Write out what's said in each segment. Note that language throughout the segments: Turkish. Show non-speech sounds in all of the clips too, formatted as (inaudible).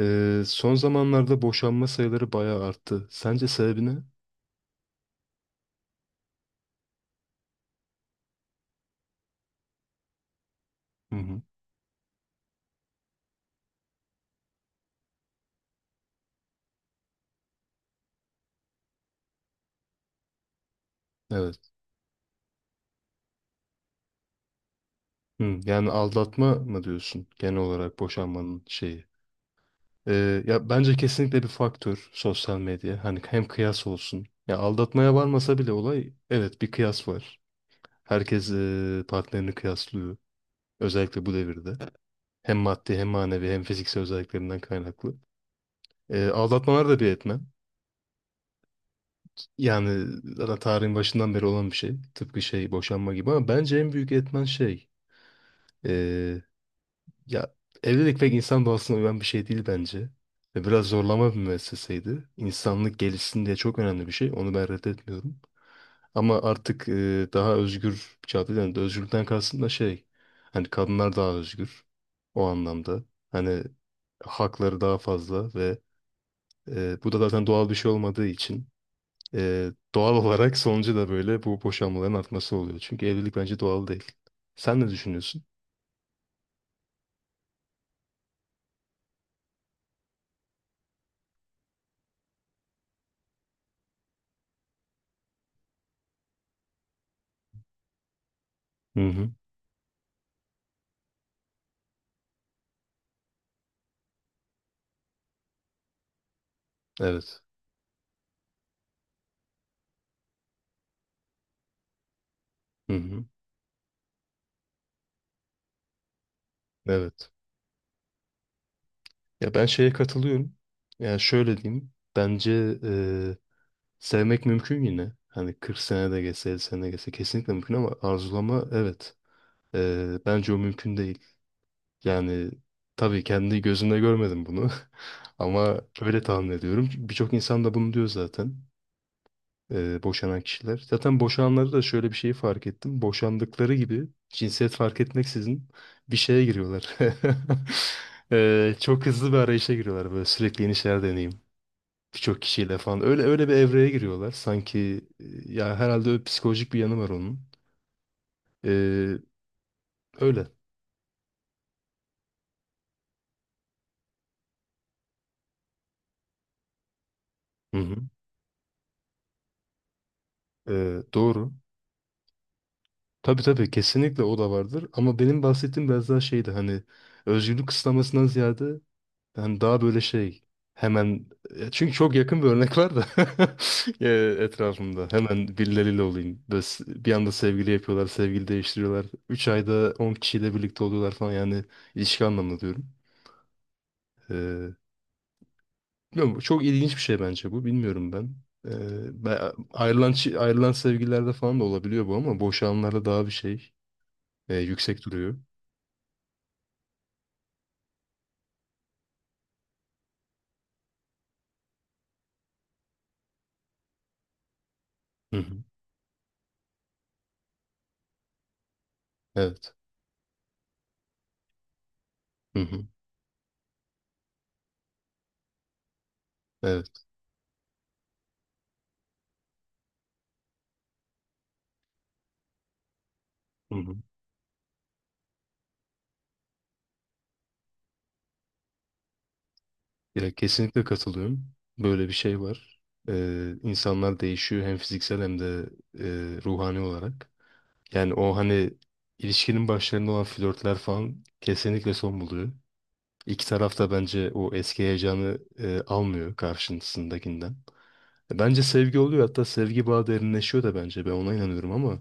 Son zamanlarda boşanma sayıları bayağı arttı. Sence sebebi ne? Hı hı. Evet. Hı, yani aldatma mı diyorsun genel olarak boşanmanın şeyi? Ya bence kesinlikle bir faktör sosyal medya. Hani hem kıyas olsun. Ya aldatmaya varmasa bile olay evet bir kıyas var. Herkes partnerini kıyaslıyor. Özellikle bu devirde. Hem maddi hem manevi hem fiziksel özelliklerinden kaynaklı. Aldatmalar da bir etmen. Yani zaten tarihin başından beri olan bir şey. Tıpkı şey boşanma gibi ama bence en büyük etmen şey. eee, Ya evlilik pek insan doğasına uyan bir şey değil bence. Ve biraz zorlama bir müesseseydi. İnsanlık gelişsin diye çok önemli bir şey. Onu ben reddetmiyorum. Ama artık daha özgür bir çağda, yani özgürlükten kastım da şey. Hani kadınlar daha özgür. O anlamda. Hani hakları daha fazla ve bu da zaten doğal bir şey olmadığı için. Doğal olarak sonucu da böyle bu boşanmaların artması oluyor. Çünkü evlilik bence doğal değil. Sen ne düşünüyorsun? Hı hı. Evet. Hı hı. Evet. Ya ben şeye katılıyorum. Yani şöyle diyeyim. Bence sevmek mümkün yine. Hani 40 sene de geçse, 50 sene de geçse kesinlikle mümkün ama arzulama evet. Bence o mümkün değil. Yani tabii kendi gözümle görmedim bunu. (laughs) Ama öyle tahmin ediyorum. Birçok insan da bunu diyor zaten. Boşanan kişiler. Zaten boşananları da şöyle bir şeyi fark ettim. Boşandıkları gibi cinsiyet fark etmeksizin bir şeye giriyorlar. (laughs) Çok hızlı bir arayışa giriyorlar, böyle sürekli yeni şeyler deneyim. Birçok kişiyle falan. Öyle öyle bir evreye giriyorlar. Sanki ya herhalde öyle psikolojik bir yanı var onun. E, Öyle. Hı hı. Doğru. Tabii tabii kesinlikle o da vardır. Ama benim bahsettiğim biraz daha şeydi, hani özgürlük kısıtlamasından ziyade ben daha böyle şey hemen, çünkü çok yakın bir örnek var da (laughs) etrafımda. Hemen birileriyle olayım. Böyle bir anda sevgili yapıyorlar, sevgili değiştiriyorlar. 3 ayda 10 kişiyle birlikte oluyorlar falan, yani ilişki anlamında diyorum. E, Bilmiyorum, bu çok ilginç bir şey bence bu. Bilmiyorum ben. E, Ayrılan, ayrılan sevgililerde falan da olabiliyor bu ama boşananlarda daha bir şey yüksek duruyor. Hı hı. Evet. Hı hı. Evet. Hı hı. Ya kesinlikle katılıyorum. Böyle bir şey var. İnsanlar değişiyor hem fiziksel hem de ruhani olarak. Yani o hani ilişkinin başlarında olan flörtler falan kesinlikle son buluyor. İki taraf da bence o eski heyecanı almıyor karşısındakinden. Bence sevgi oluyor, hatta sevgi bağı derinleşiyor da, bence ben ona inanıyorum ama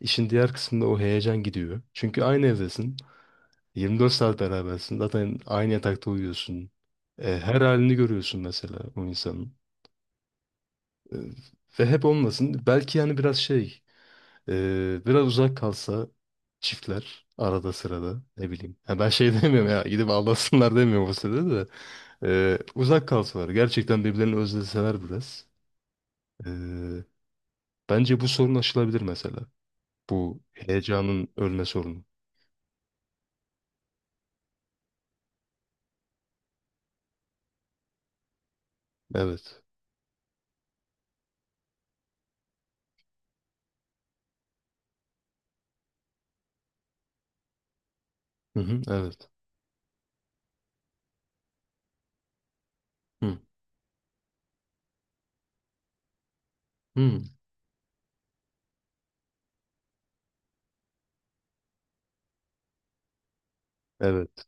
işin diğer kısmında o heyecan gidiyor. Çünkü aynı evdesin. 24 saat berabersin. Zaten aynı yatakta uyuyorsun. Her halini görüyorsun mesela o insanın. E, Ve hep olmasın. Belki yani biraz şey, biraz uzak kalsa çiftler arada sırada, ne bileyim. Ha, ben şey (laughs) demiyorum ya, gidip aldatsınlar demiyorum o sırada da. Uzak kalsalar. Gerçekten birbirlerini özleseler biraz. E, Bence bu sorun aşılabilir mesela. Bu heyecanın ölme sorunu. Evet. Hı hı, evet. Hı hı, evet.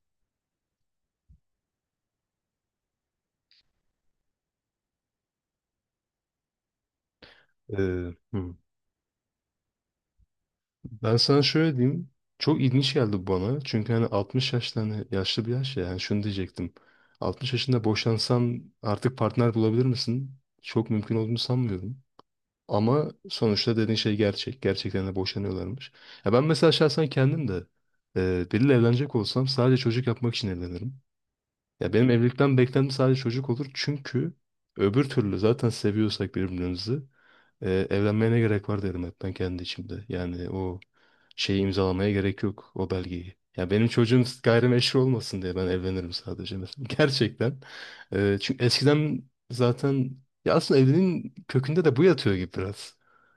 E, hı. Ben sana şöyle diyeyim. Çok ilginç geldi bana. Çünkü hani 60 yaşta, hani yaşlı bir yaş ya. Yani şunu diyecektim. 60 yaşında boşansan artık partner bulabilir misin? Çok mümkün olduğunu sanmıyorum. Ama sonuçta dediğin şey gerçek. Gerçekten de boşanıyorlarmış. Ya ben mesela şahsen kendim de biriyle evlenecek olsam sadece çocuk yapmak için evlenirim. Ya benim evlilikten beklentim sadece çocuk olur. Çünkü öbür türlü zaten seviyorsak birbirimizi evlenmeye ne gerek var derim hep ben kendi içimde. Yani o şeyi imzalamaya gerek yok, o belgeyi. Ya benim çocuğum gayrimeşru olmasın diye ben evlenirim sadece mesela. (laughs) Gerçekten. Çünkü eskiden zaten ya aslında evliliğin kökünde de bu yatıyor gibi biraz.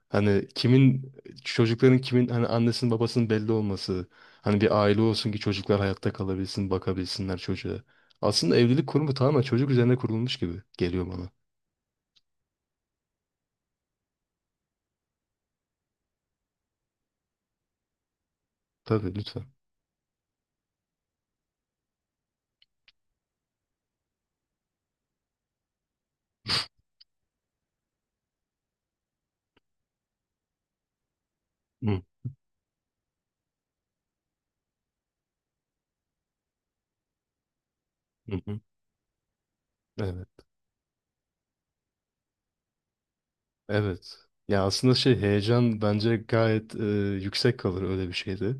Hani kimin çocukların kimin hani annesinin babasının belli olması. Hani bir aile olsun ki çocuklar hayatta kalabilsin, bakabilsinler çocuğa. Aslında evlilik kurumu tamamen çocuk üzerine kurulmuş gibi geliyor bana. Tabii, lütfen. Hı, hı, hı. Evet. Evet. Ya aslında şey, heyecan bence gayet yüksek kalır öyle bir şeyde.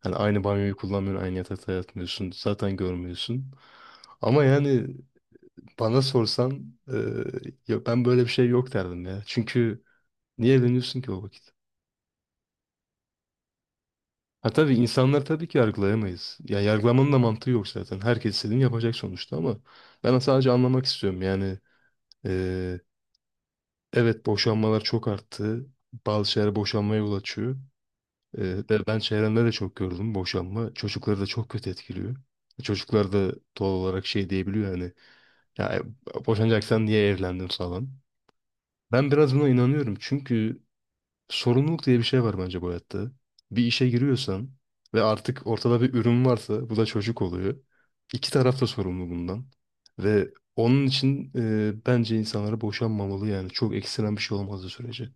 Hani aynı banyoyu kullanmıyorsun, aynı yatakta yatmıyorsun, zaten görmüyorsun. Ama yani bana sorsan ya ben böyle bir şey yok derdim ya. Çünkü niye evleniyorsun ki o vakit? Ha, tabii insanlar, tabii ki yargılayamayız. Ya yargılamanın da mantığı yok zaten. Herkes istediğini yapacak sonuçta ama ben sadece anlamak istiyorum. Yani e, evet, boşanmalar çok arttı. Bazı şeyler boşanmaya yol açıyor. Ee, Ve ben çevremde de çok gördüm boşanma. Çocukları da çok kötü etkiliyor. Çocuklar da doğal olarak şey diyebiliyor, hani ya boşanacaksan niye evlendin falan. Ben biraz buna inanıyorum çünkü sorumluluk diye bir şey var bence bu hayatta. Bir işe giriyorsan ve artık ortada bir ürün varsa, bu da çocuk oluyor. İki taraf da sorumlu bundan. Ve onun için bence insanlara boşanmamalı yani. Çok ekstrem bir şey olmadığı sürece.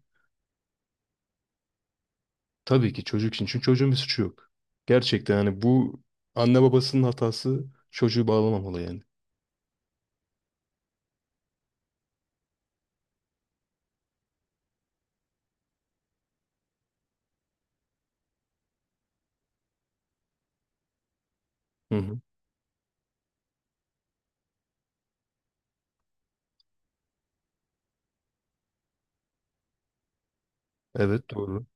Tabii ki çocuk için. Çünkü çocuğun bir suçu yok. Gerçekten hani bu anne babasının hatası çocuğu bağlamamalı yani. Hı hı. Evet, doğru.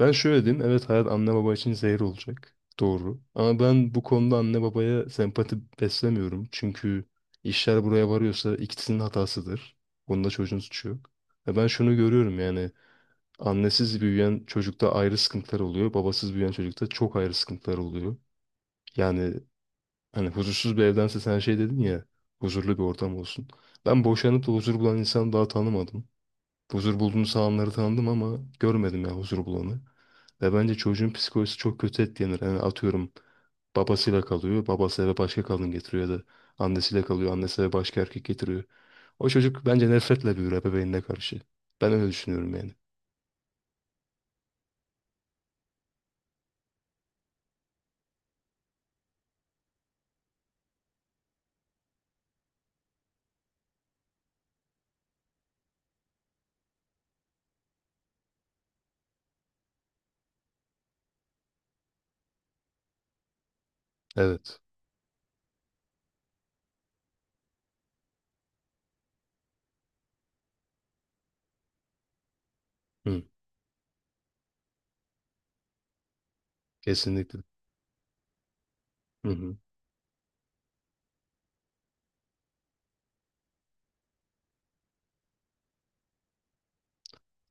Ben şöyle diyeyim. Evet, hayat anne baba için zehir olacak. Doğru. Ama ben bu konuda anne babaya sempati beslemiyorum. Çünkü işler buraya varıyorsa ikisinin hatasıdır. Bunda çocuğun suçu yok. Ve ben şunu görüyorum, yani annesiz büyüyen çocukta ayrı sıkıntılar oluyor. Babasız büyüyen çocukta çok ayrı sıkıntılar oluyor. Yani hani huzursuz bir evdense sen şey dedin ya, huzurlu bir ortam olsun. Ben boşanıp da huzur bulan insanı daha tanımadım. Huzur bulduğunu sağanları tanıdım ama görmedim ya, huzur bulanı. Ve bence çocuğun psikolojisi çok kötü etkilenir. Yani atıyorum babasıyla kalıyor, babası eve başka kadın getiriyor, ya da annesiyle kalıyor, annesi eve başka erkek getiriyor. O çocuk bence nefretle büyür ebeveynine karşı. Ben öyle düşünüyorum yani. Evet. Hı, kesinlikle. Hı hı.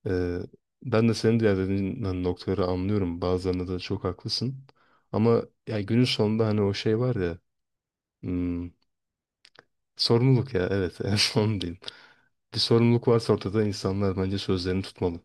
Ee, Ben de senin diğer dediğin noktaları anlıyorum. Bazılarında da çok haklısın. Ama ya günün sonunda hani o şey var ya, hmm, sorumluluk ya, evet, (laughs) en son diyeyim. Bir sorumluluk varsa ortada, insanlar bence sözlerini tutmalı.